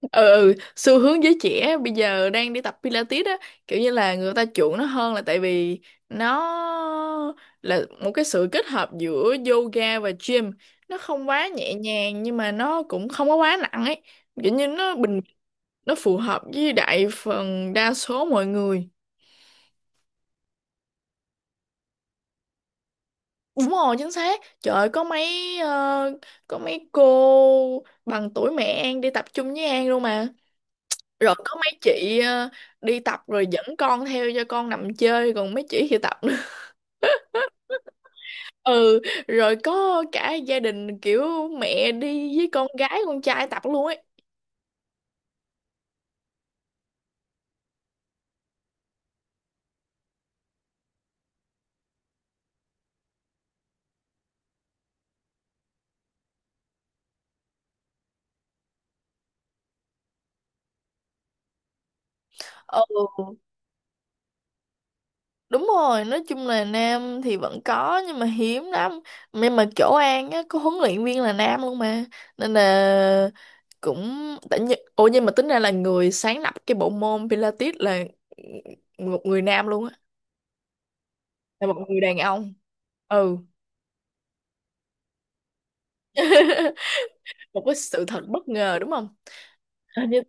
Ừ, ừ, xu hướng giới trẻ bây giờ đang đi tập Pilates á, kiểu như là người ta chuộng nó hơn là tại vì nó là một cái sự kết hợp giữa yoga và gym. Nó không quá nhẹ nhàng nhưng mà nó cũng không có quá nặng ấy. Kiểu như nó bình Nó phù hợp với đại phần đa số mọi người. Đúng rồi, chính xác. Trời ơi, có mấy cô bằng tuổi mẹ An đi tập chung với An luôn mà. Rồi có mấy chị đi tập rồi dẫn con theo cho con nằm chơi, còn mấy chị thì tập nữa. Ừ. Rồi có cả gia đình kiểu mẹ đi với con gái con trai tập luôn ấy. Ừ, đúng rồi, nói chung là nam thì vẫn có nhưng mà hiếm lắm. Nhưng mà chỗ An á có huấn luyện viên là nam luôn mà, nên là cũng. Ủa, nhưng mà tính ra là người sáng lập cái bộ môn Pilates là một người nam luôn á, là một người đàn ông. Ừ, một cái sự thật bất ngờ đúng không? Hình như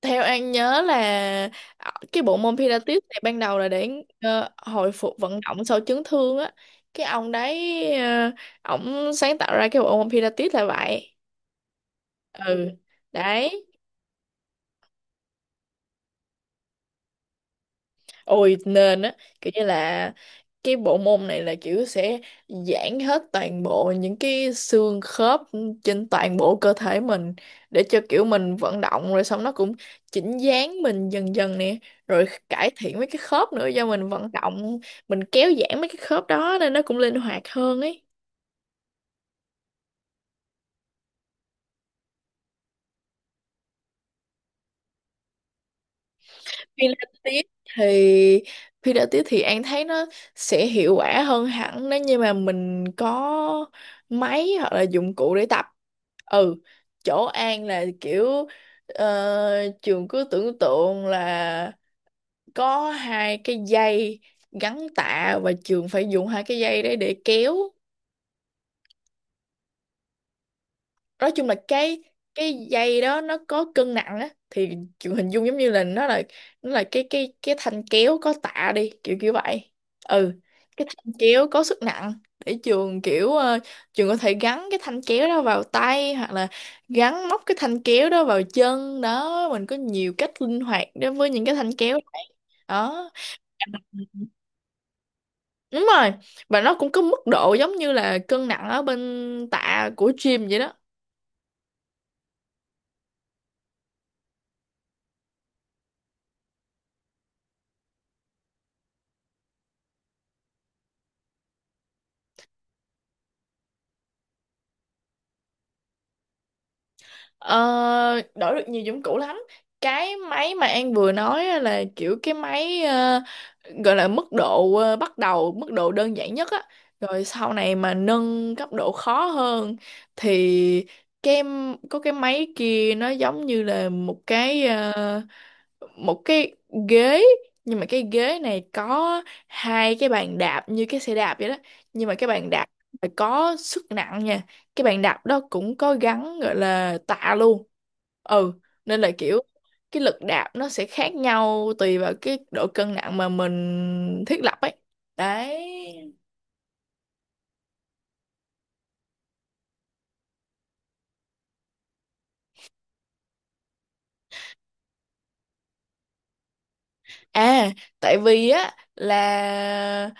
theo An nhớ là, cái bộ môn Pilates này ban đầu là để, hồi phục vận động sau chấn thương á. Cái ông đấy, ổng sáng tạo ra cái bộ môn Pilates là vậy. Ừ. Đấy. Ôi nên á, kiểu như là cái bộ môn này là kiểu sẽ giãn hết toàn bộ những cái xương khớp trên toàn bộ cơ thể mình, để cho kiểu mình vận động rồi xong nó cũng chỉnh dáng mình dần dần nè, rồi cải thiện mấy cái khớp nữa. Do mình vận động, mình kéo giãn mấy cái khớp đó nên nó cũng linh hoạt hơn ấy. khi lên tiếp thì Khi đã tiếp thì An thấy nó sẽ hiệu quả hơn hẳn nếu như mà mình có máy hoặc là dụng cụ để tập. Ừ, chỗ An là kiểu, trường cứ tưởng tượng là có hai cái dây gắn tạ và trường phải dùng hai cái dây đấy để kéo. Nói chung là cái dây đó nó có cân nặng á, thì kiểu hình dung giống như là nó là cái thanh kéo có tạ đi, kiểu kiểu vậy. Ừ, cái thanh kéo có sức nặng để trường kiểu, trường có thể gắn cái thanh kéo đó vào tay hoặc là gắn móc cái thanh kéo đó vào chân đó. Mình có nhiều cách linh hoạt đối với những cái thanh kéo này. Đó. Ừ. Đúng rồi, và nó cũng có mức độ giống như là cân nặng ở bên tạ của gym vậy đó. Ờ, đổi được nhiều dụng cụ lắm. Cái máy mà An vừa nói á là kiểu cái máy, gọi là mức độ, bắt đầu, mức độ đơn giản nhất á. Rồi sau này mà nâng cấp độ khó hơn thì cái có cái máy kia, nó giống như là một cái, một cái ghế. Nhưng mà cái ghế này có hai cái bàn đạp như cái xe đạp vậy đó, nhưng mà cái bàn đạp phải có sức nặng nha. Cái bàn đạp đó cũng có gắn, gọi là tạ luôn. Ừ, nên là kiểu cái lực đạp nó sẽ khác nhau tùy vào cái độ cân nặng mà mình thiết lập ấy. Đấy. À, tại vì á là,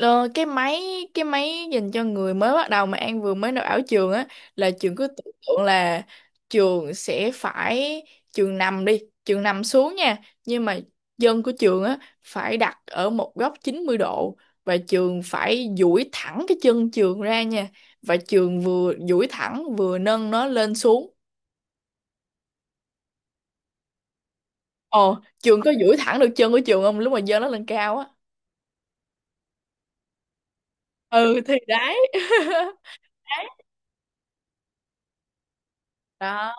Ờ, cái máy dành cho người mới bắt đầu mà An vừa mới nộp ảo trường á, là trường cứ tưởng tượng là trường sẽ phải, trường nằm đi, trường nằm xuống nha. Nhưng mà dân của trường á phải đặt ở một góc 90 độ, và trường phải duỗi thẳng cái chân trường ra nha, và trường vừa duỗi thẳng vừa nâng nó lên xuống. Ồ, trường có duỗi thẳng được chân của trường không lúc mà dơ nó lên cao á? Ừ thì đấy. Đấy. Đó.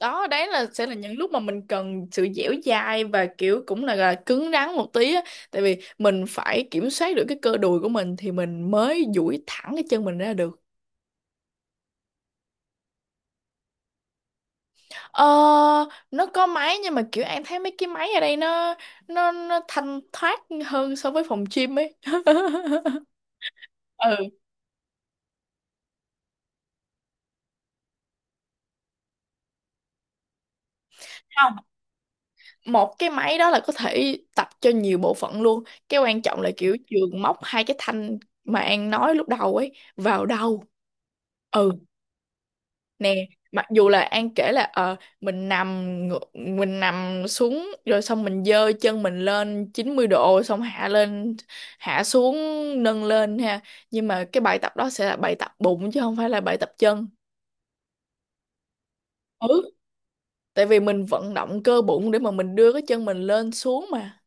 Đó, đấy là sẽ là những lúc mà mình cần sự dẻo dai và kiểu cũng là cứng rắn một tí á. Tại vì mình phải kiểm soát được cái cơ đùi của mình thì mình mới duỗi thẳng cái chân mình ra được. Ờ, nó có máy nhưng mà kiểu em thấy mấy cái máy ở đây nó thanh thoát hơn so với phòng gym ấy. Ừ, không, một cái máy đó là có thể tập cho nhiều bộ phận luôn. Cái quan trọng là kiểu trường móc hai cái thanh mà An nói lúc đầu ấy vào đầu. Ừ, nè, mặc dù là An kể là, ờ, mình nằm mình nằm xuống rồi xong mình giơ chân mình lên 90 độ, xong hạ lên, hạ xuống, nâng lên ha. Nhưng mà cái bài tập đó sẽ là bài tập bụng chứ không phải là bài tập chân. Ừ, tại vì mình vận động cơ bụng để mà mình đưa cái chân mình lên xuống mà.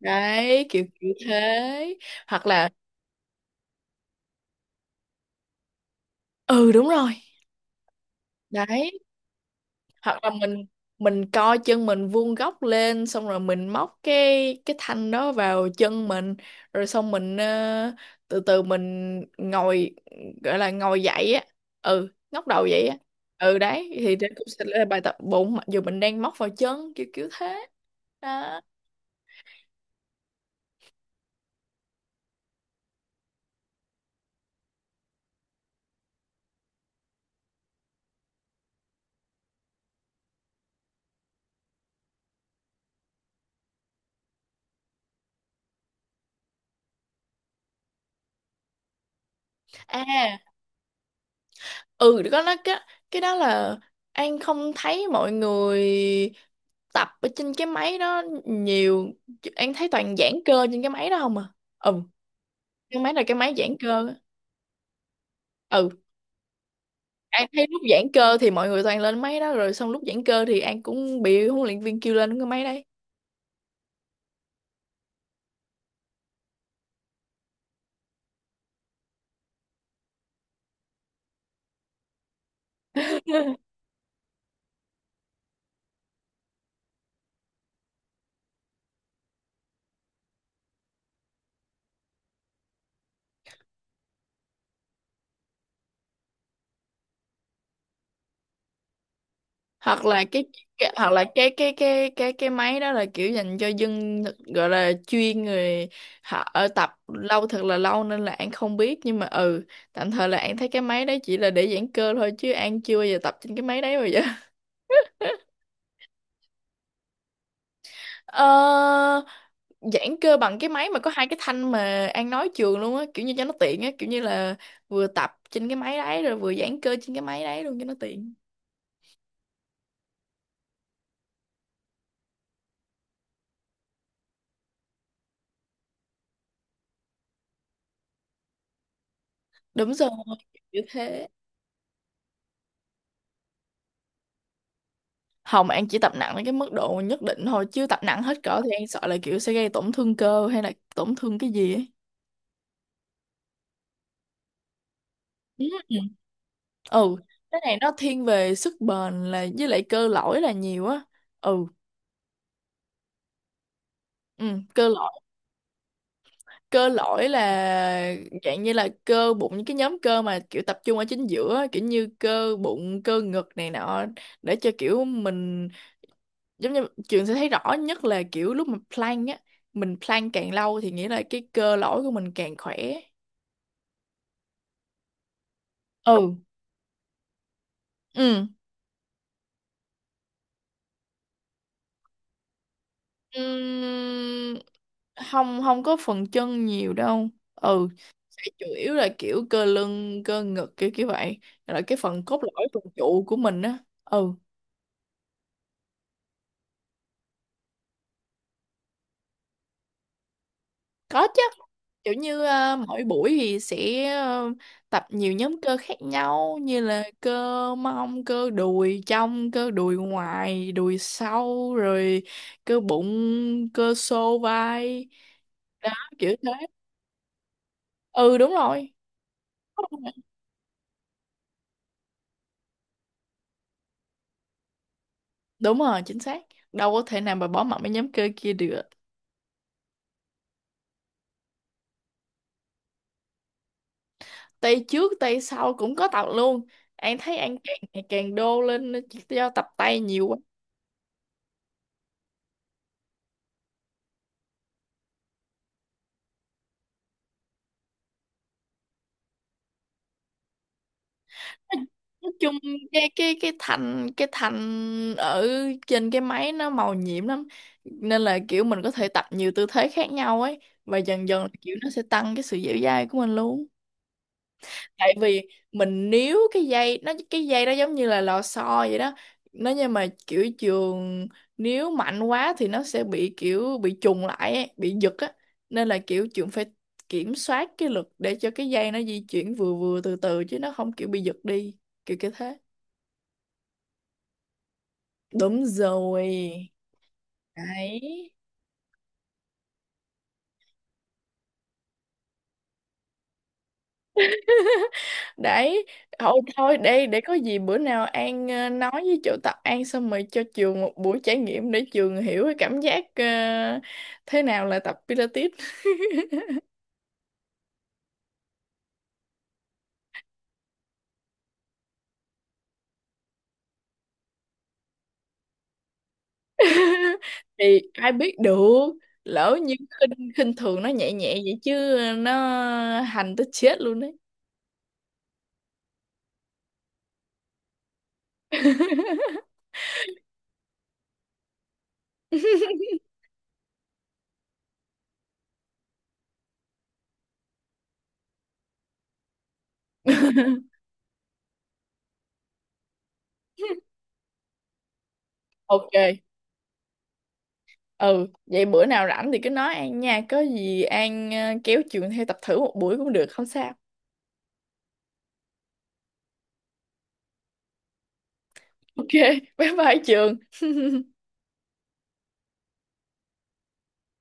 Đấy, kiểu kiểu thế. Hoặc là Ừ, đúng rồi. Đấy. Hoặc là mình co chân mình vuông góc lên xong rồi mình móc cái thanh đó vào chân mình, rồi xong mình, từ từ mình ngồi, gọi là ngồi dậy á. Ừ, ngóc đầu dậy á. Ừ, đấy, thì đây cũng sẽ là bài tập bụng mặc dù mình đang móc vào chân, kiểu kiểu thế. Đó. À, ừ, có. Nó cái đó là, An không thấy mọi người tập ở trên cái máy đó nhiều. An thấy toàn giãn cơ trên cái máy đó không à. Ừ, cái máy là cái máy giãn cơ. Ừ, An thấy lúc giãn cơ thì mọi người toàn lên máy đó, rồi xong lúc giãn cơ thì An cũng bị huấn luyện viên kêu lên cái máy đấy. Hoặc là cái hoặc là cái máy đó là kiểu dành cho dân, gọi là chuyên, người họ ở tập lâu thật là lâu nên là An không biết. Nhưng mà, ừ, tạm thời là An thấy cái máy đấy chỉ là để giãn cơ thôi, chứ An chưa bao giờ tập trên cái máy đấy bao giờ. Ờ, giãn cơ bằng cái máy mà có hai cái thanh mà An nói trường luôn á, kiểu như cho nó tiện á, kiểu như là vừa tập trên cái máy đấy rồi vừa giãn cơ trên cái máy đấy luôn cho nó tiện. Đúng rồi, kiểu thế. Hồng An chỉ tập nặng đến cái mức độ nhất định thôi, chứ tập nặng hết cỡ thì An sợ là kiểu sẽ gây tổn thương cơ hay là tổn thương cái gì ấy. Ừ Ừ, cái này nó thiên về sức bền là với lại cơ lõi là nhiều á. Ừ. Ừ, cơ cơ lõi là dạng như là cơ bụng, những cái nhóm cơ mà kiểu tập trung ở chính giữa, kiểu như cơ bụng, cơ ngực này nọ, để cho kiểu mình, giống như trường sẽ thấy rõ nhất là kiểu lúc mà plank á, mình plank càng lâu thì nghĩa là cái cơ lõi của mình càng khỏe. Ừ. Ừ. Ừm, không, không có phần chân nhiều đâu. Ừ, sẽ chủ yếu là kiểu cơ lưng, cơ ngực, kiểu kiểu vậy, là cái phần cốt lõi, phần trụ của mình á. Ừ. Có chứ. Kiểu như, mỗi buổi thì sẽ, tập nhiều nhóm cơ khác nhau như là cơ mông, cơ đùi trong, cơ đùi ngoài, đùi sau, rồi cơ bụng, cơ xô vai. Đó, kiểu thế. Ừ, đúng rồi. Đúng rồi, chính xác. Đâu có thể nào mà bỏ mặc mấy nhóm cơ kia được. Tay trước, tay sau cũng có tập luôn. Anh thấy anh càng ngày càng đô lên do tập tay nhiều. Nói chung cái thành, ở trên cái máy nó màu nhiệm lắm, nên là kiểu mình có thể tập nhiều tư thế khác nhau ấy, và dần dần kiểu nó sẽ tăng cái sự dẻo dai của mình luôn. Tại vì mình níu cái dây, cái dây đó giống như là lò xo vậy đó. Nó, nhưng mà kiểu trường níu mạnh quá thì nó sẽ bị kiểu bị trùng lại ấy, bị giật á, nên là kiểu trường phải kiểm soát cái lực để cho cái dây nó di chuyển vừa vừa từ từ chứ nó không kiểu bị giật đi, kiểu cái thế. Đúng rồi. Đấy. Đấy. Thôi thôi, đây để có gì bữa nào An, nói với chỗ tập An xong rồi cho trường một buổi trải nghiệm để trường hiểu cái cảm giác, thế nào là tập Pilates. Thì ai biết được. Lỡ như khinh khinh thường nó nhẹ nhẹ vậy chứ, ờ, nó hành tới chết luôn đấy. Ok. Ừ, vậy bữa nào rảnh thì cứ nói An nha, có gì An, kéo trường theo tập thử một buổi cũng được, không sao. Ok. Bye bye trường.